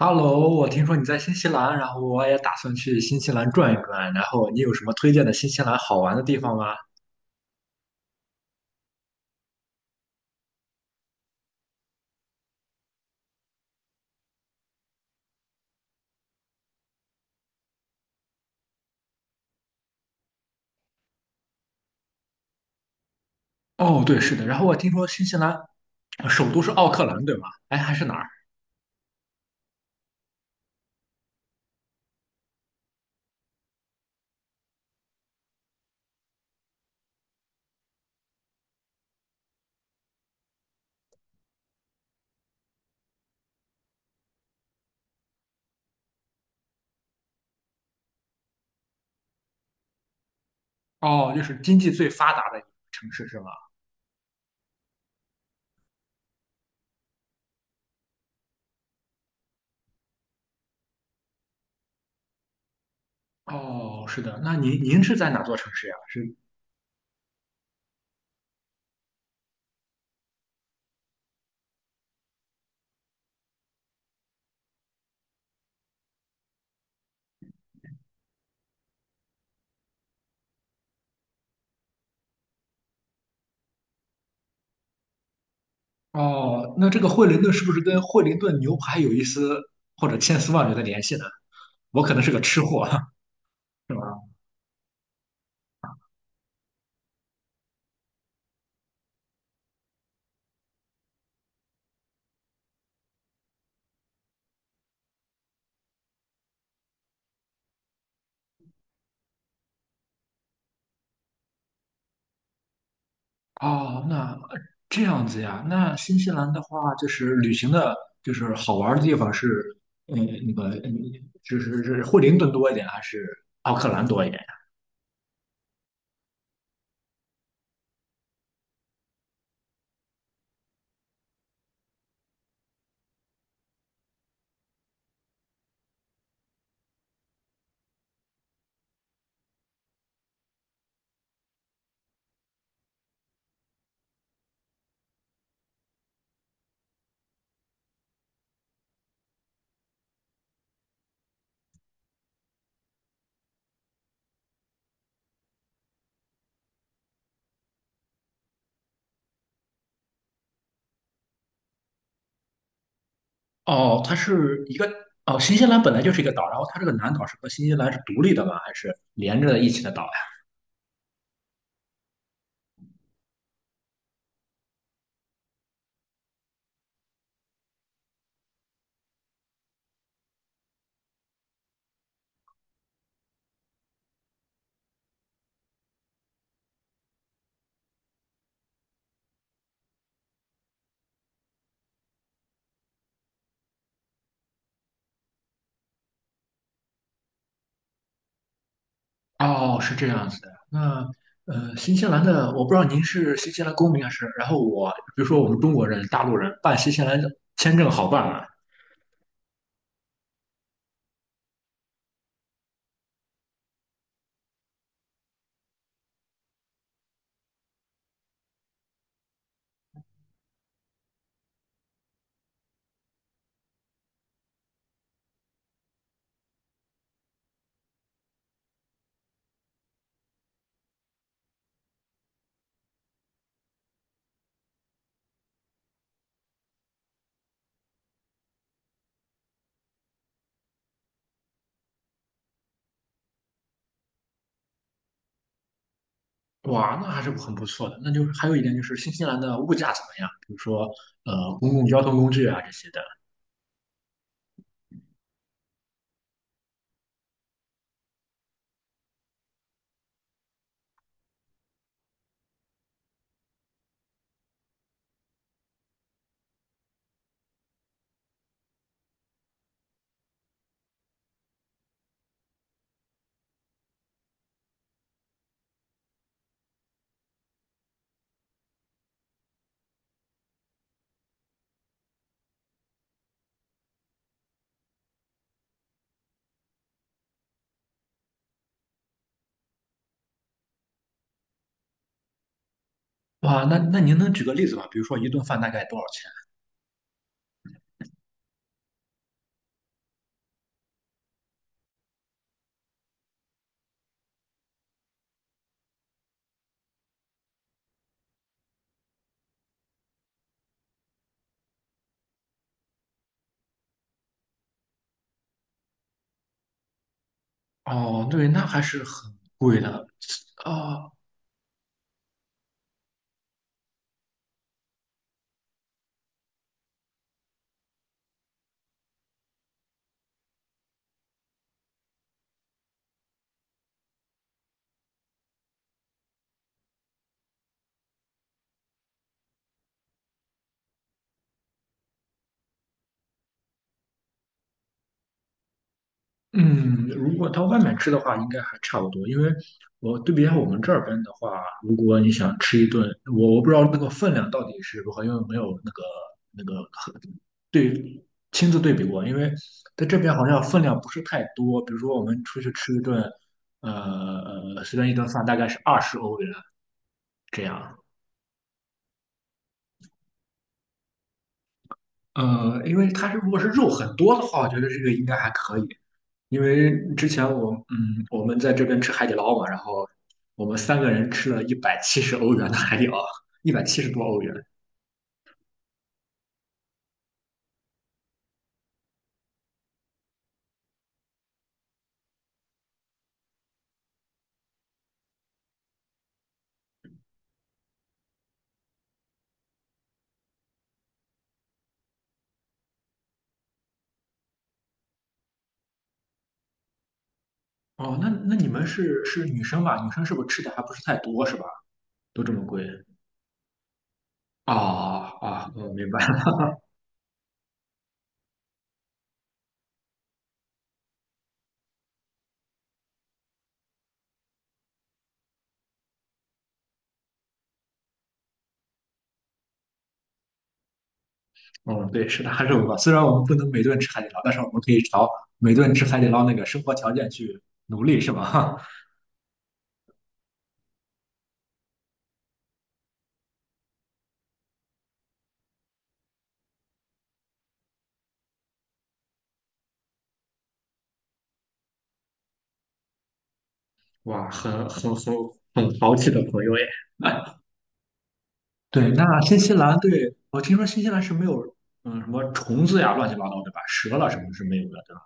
Hello，我听说你在新西兰，然后我也打算去新西兰转一转，然后你有什么推荐的新西兰好玩的地方吗？哦，对，是的，然后我听说新西兰呃首都是奥克兰，对吗？哎，还是哪儿？哦，就是经济最发达的一个城市是吗？哦，是的，那您是在哪座城市呀？是哦，那这个惠灵顿是不是跟惠灵顿牛排有一丝或者千丝万缕的联系呢？我可能是个吃货，是吧？哦，那这样子呀，那新西兰的话，就是旅行的，就是好玩儿的地方是，嗯，那个，嗯，就是是惠灵顿多一点，还是奥克兰多一点呀？哦，它是一个，哦，新西兰本来就是一个岛，然后它这个南岛是和新西兰是独立的吗？还是连着一起的岛呀？哦，是这样子的。那新西兰的，我不知道您是新西兰公民还是，然后我，比如说我们中国人、大陆人办新西兰签证好办吗？哇，那还是很不错的。那就是还有一点就是新西兰的物价怎么样？比如说，公共交通工具啊这些的。哇，那那您能举个例子吗？比如说一顿饭大概多少钱？哦，对，那还是很贵的。啊、嗯，如果到外面吃的话，应该还差不多。因为我对比一下我们这边的话，如果你想吃一顿，我不知道那个分量到底是如何，因为没有那个那个和对亲自对比过。因为在这边好像分量不是太多，比如说我们出去吃一顿，呃，随便一顿饭大概是20欧元这样，因为它是如果是肉很多的话，我觉得这个应该还可以。因为之前我嗯，我们在这边吃海底捞嘛，然后我们三个人吃了170欧元的海底捞，170多欧元。哦，那那你们是是女生吧？女生是不是吃的还不是太多是吧？都这么贵？啊啊，我明白了。嗯，对，是大肉吧？虽然我们不能每顿吃海底捞，但是我们可以朝每顿吃海底捞那个生活条件去努力，是吧？哇，很很豪气的朋友耶！对，那新西兰对我听说新西兰是没有，嗯，什么虫子呀，乱七八糟，对吧？蛇了什么是没有的，对吧？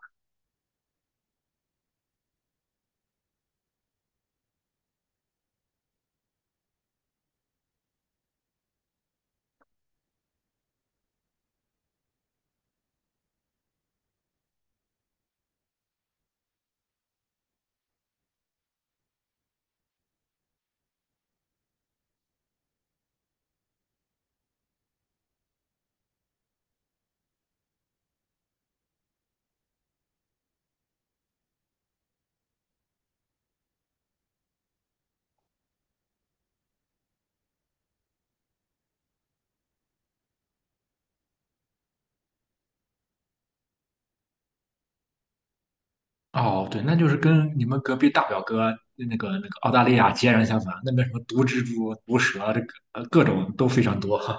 哦，对，那就是跟你们隔壁大表哥那个那个澳大利亚截然相反，那边什么毒蜘蛛、毒蛇，这个呃各种都非常多。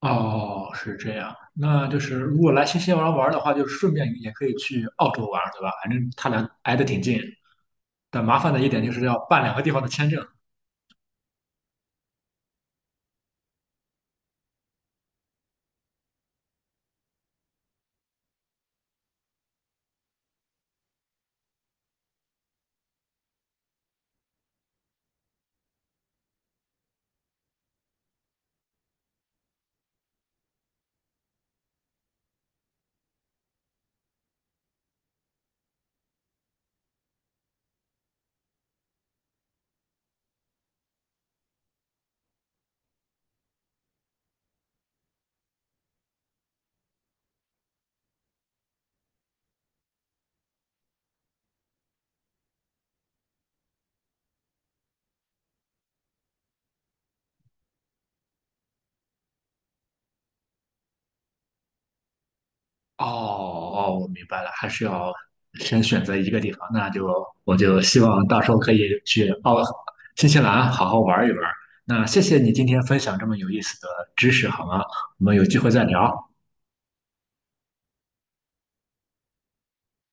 哦，是这样，那就是如果来新西兰玩的话，就是顺便也可以去澳洲玩，对吧？反正他俩挨得挺近，但麻烦的一点就是要办两个地方的签证。哦哦，我明白了，还是要先选择一个地方。那就我就希望到时候可以去澳新西兰好好玩一玩。那谢谢你今天分享这么有意思的知识，好吗？我们有机会再聊。